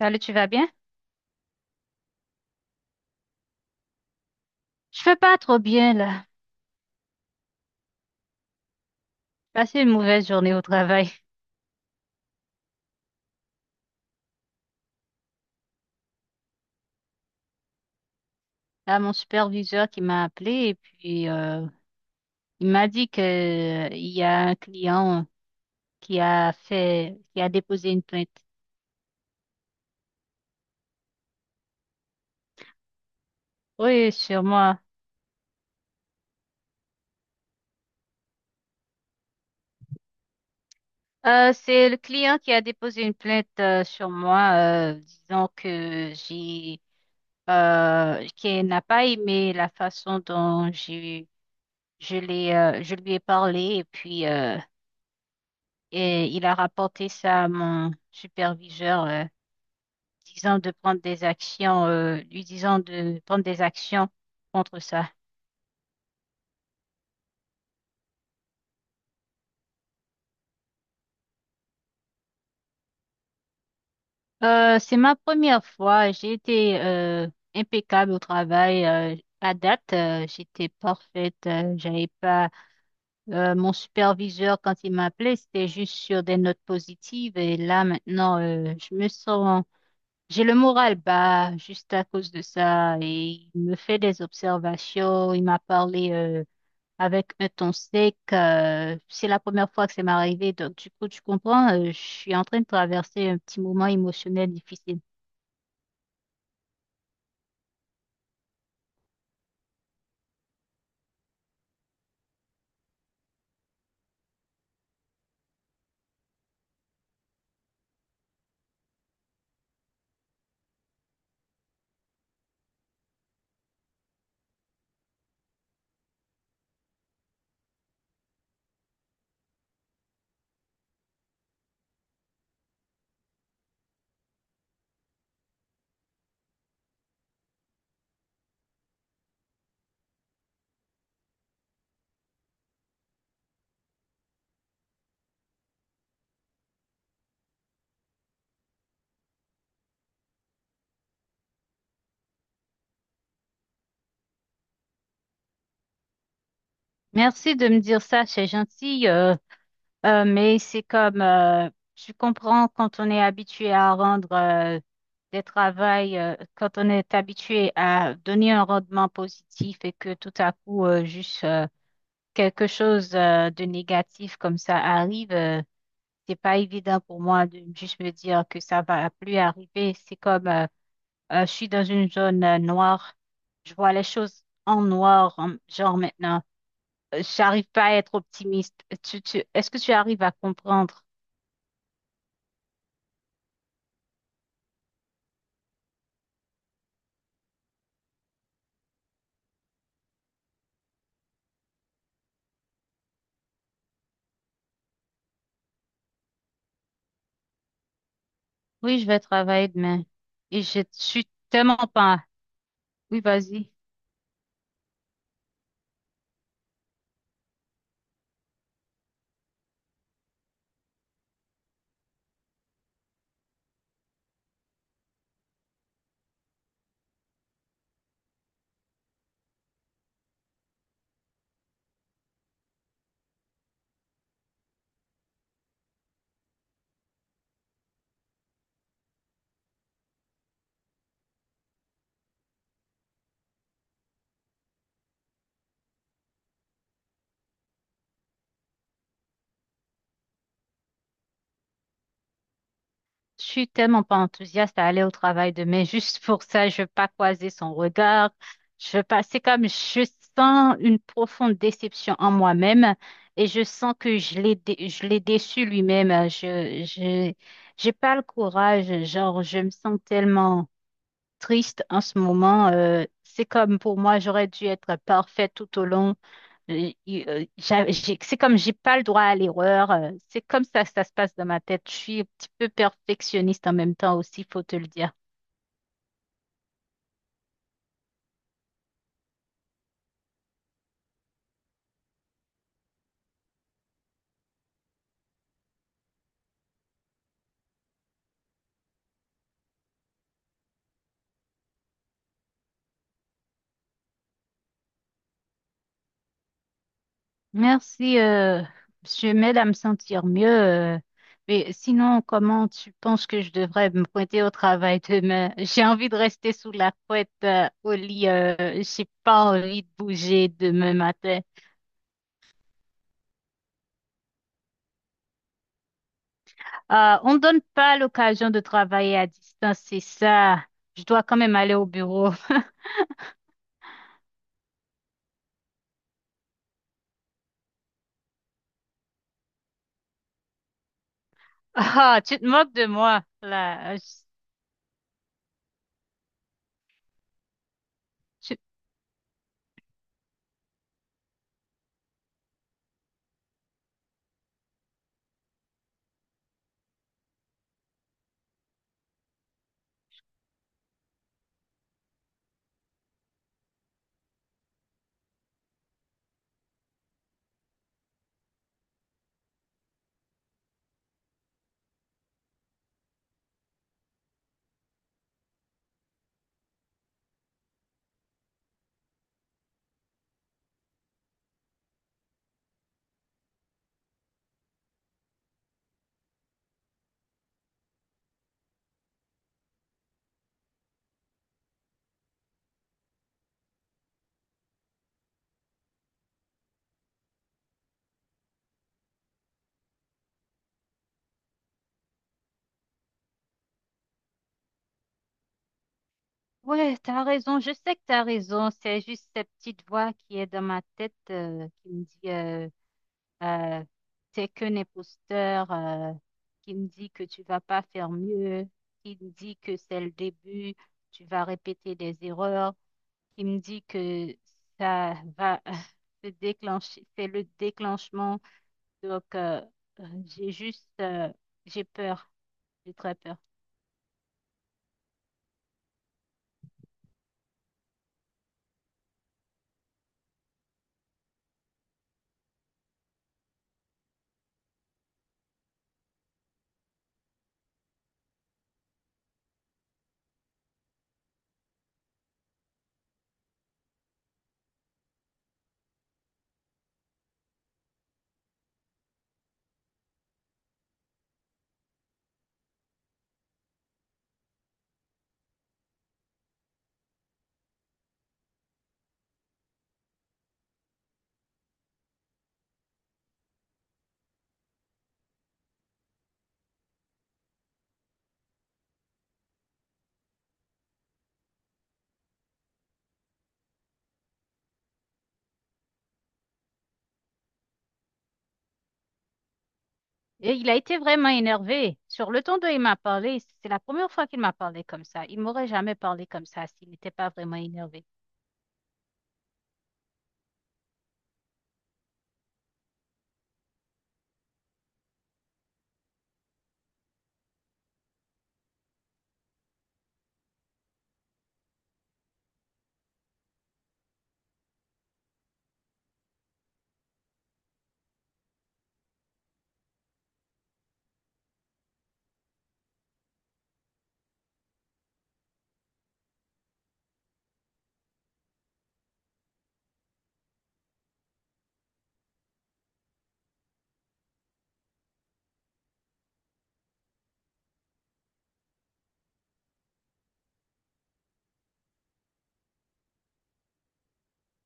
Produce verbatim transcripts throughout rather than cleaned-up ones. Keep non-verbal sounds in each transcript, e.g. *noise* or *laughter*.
Salut, tu vas bien? Je vais pas trop bien là. J'ai passé une mauvaise journée au travail. Là, mon superviseur qui m'a appelé et puis euh, il m'a dit que euh, il y a un client qui a fait, qui a déposé une plainte. Oui, sur moi. Euh, c'est le client qui a déposé une plainte euh, sur moi, euh, disant que j'ai, euh, qu'il n'a pas aimé la façon dont j'ai, je l'ai, euh, je lui ai parlé et puis euh, et il a rapporté ça à mon superviseur, euh, disant de prendre des actions, euh, lui disant de prendre des actions contre ça. Euh, c'est ma première fois. J'ai été euh, impeccable au travail. Euh, à date, euh, j'étais parfaite. Euh, j'avais pas euh, Mon superviseur quand il m'appelait, c'était juste sur des notes positives. Et là maintenant, euh, je me sens j'ai le moral bas juste à cause de ça et il me fait des observations. Il m'a parlé euh, avec un ton sec. Euh, c'est la première fois que ça m'est arrivé. Donc, du coup, tu comprends, euh, je suis en train de traverser un petit moment émotionnel difficile. Merci de me dire ça, c'est gentil, euh, euh, mais c'est comme, euh, tu comprends, quand on est habitué à rendre euh, des travails, euh, quand on est habitué à donner un rendement positif et que tout à coup, euh, juste euh, quelque chose euh, de négatif comme ça arrive. Euh, c'est pas évident pour moi de juste me dire que ça va plus arriver. C'est comme euh, euh, Je suis dans une zone euh, noire, je vois les choses en noir, en- genre maintenant, Euh, j'arrive pas à être optimiste. Tu, tu, est-ce que tu arrives à comprendre? Oui, je vais travailler demain et je suis tellement pas. Oui, vas-y. Je suis tellement pas enthousiaste à aller au travail demain. Juste pour ça, je veux pas croiser son regard. Je veux pas. C'est comme je sens une profonde déception en moi-même et je sens que je l'ai dé- je l'ai déçu lui-même. Je je J'ai pas le courage. Genre, je me sens tellement triste en ce moment. Euh, c'est comme pour moi, j'aurais dû être parfaite tout au long. Euh, il- euh, j'a- j'ai- C'est comme j'ai pas le droit à l'erreur. euh, C'est comme ça que ça se passe dans ma tête. Je suis un petit peu perfectionniste en même temps aussi, faut te le dire. Merci, euh, monsieur, m'aide à me sentir mieux. Euh, mais sinon, comment tu penses que je devrais me pointer au travail demain? J'ai envie de rester sous la couette, euh, au lit. Euh, j'ai pas envie de bouger demain matin. Euh, on ne donne pas l'occasion de travailler à distance, c'est ça. Je dois quand même aller au bureau. *laughs* Ah, tu te moques de moi, là. Euh, je- tu- Ouais, t'as raison. Je sais que t'as raison. C'est juste cette petite voix qui est dans ma tête, euh, qui me dit, euh, euh, t'es qu'un imposteur, euh, qui me dit que tu vas pas faire mieux, qui me dit que c'est le début, tu vas répéter des erreurs. Il me dit que ça va *laughs* se déclencher, c'est le déclenchement. Donc, euh, euh, j'ai juste, euh, j'ai peur, j'ai très peur. Et il a été vraiment énervé. Sur le ton dont il m'a parlé, c'est la première fois qu'il m'a parlé comme ça. Il m'aurait jamais parlé comme ça s'il n'était pas vraiment énervé.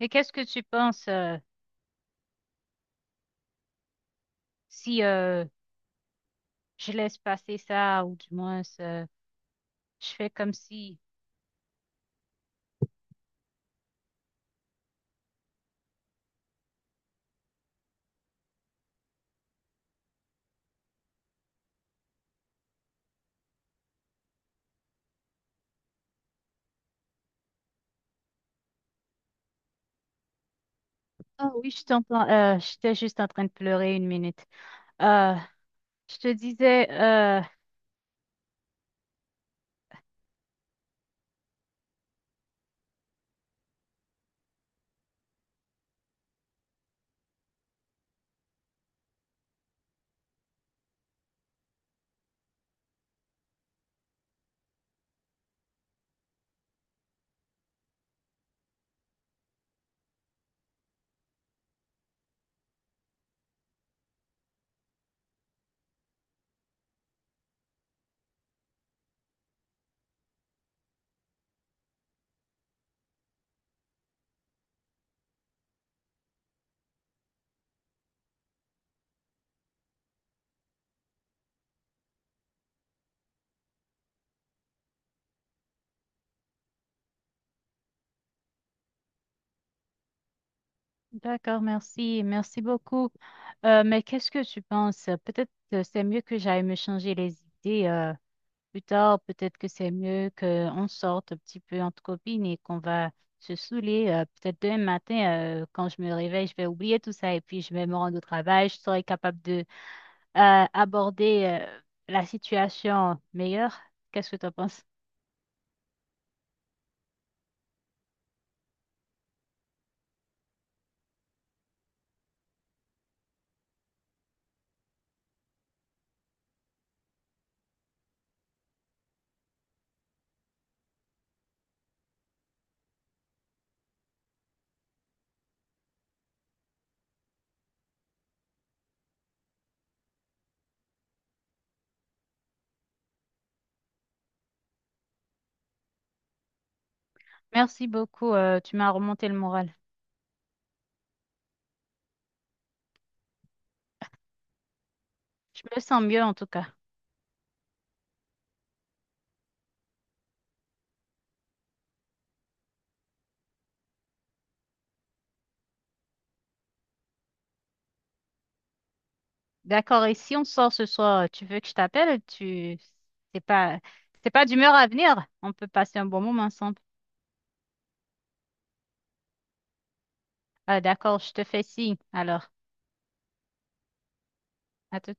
Et qu'est-ce que tu penses euh, si euh, je laisse passer ça ou du moins euh, je fais comme si... Ah oui, je t'entends. Euh, j'étais juste en train de pleurer une minute. Euh, je te disais... euh, D'accord, merci. Merci beaucoup. Euh, mais qu'est-ce que tu penses? Peut-être que c'est mieux que j'aille me changer les idées euh, plus tard. Peut-être que c'est mieux qu'on sorte un petit peu entre copines et qu'on va se saouler. Euh, peut-être demain matin, euh, quand je me réveille, je vais oublier tout ça et puis je vais me rendre au travail. Je serai capable de euh, aborder euh, la situation meilleure. Qu'est-ce que tu en penses? Merci beaucoup. Euh, tu m'as remonté le moral. Je me sens mieux en tout cas. D'accord, et si on sort ce soir, tu veux que je t'appelle? Tu... C'est pas... C'est pas d'humeur à venir. On peut passer un bon moment ensemble. Ah, d'accord, je te fais signe. Alors, à tout.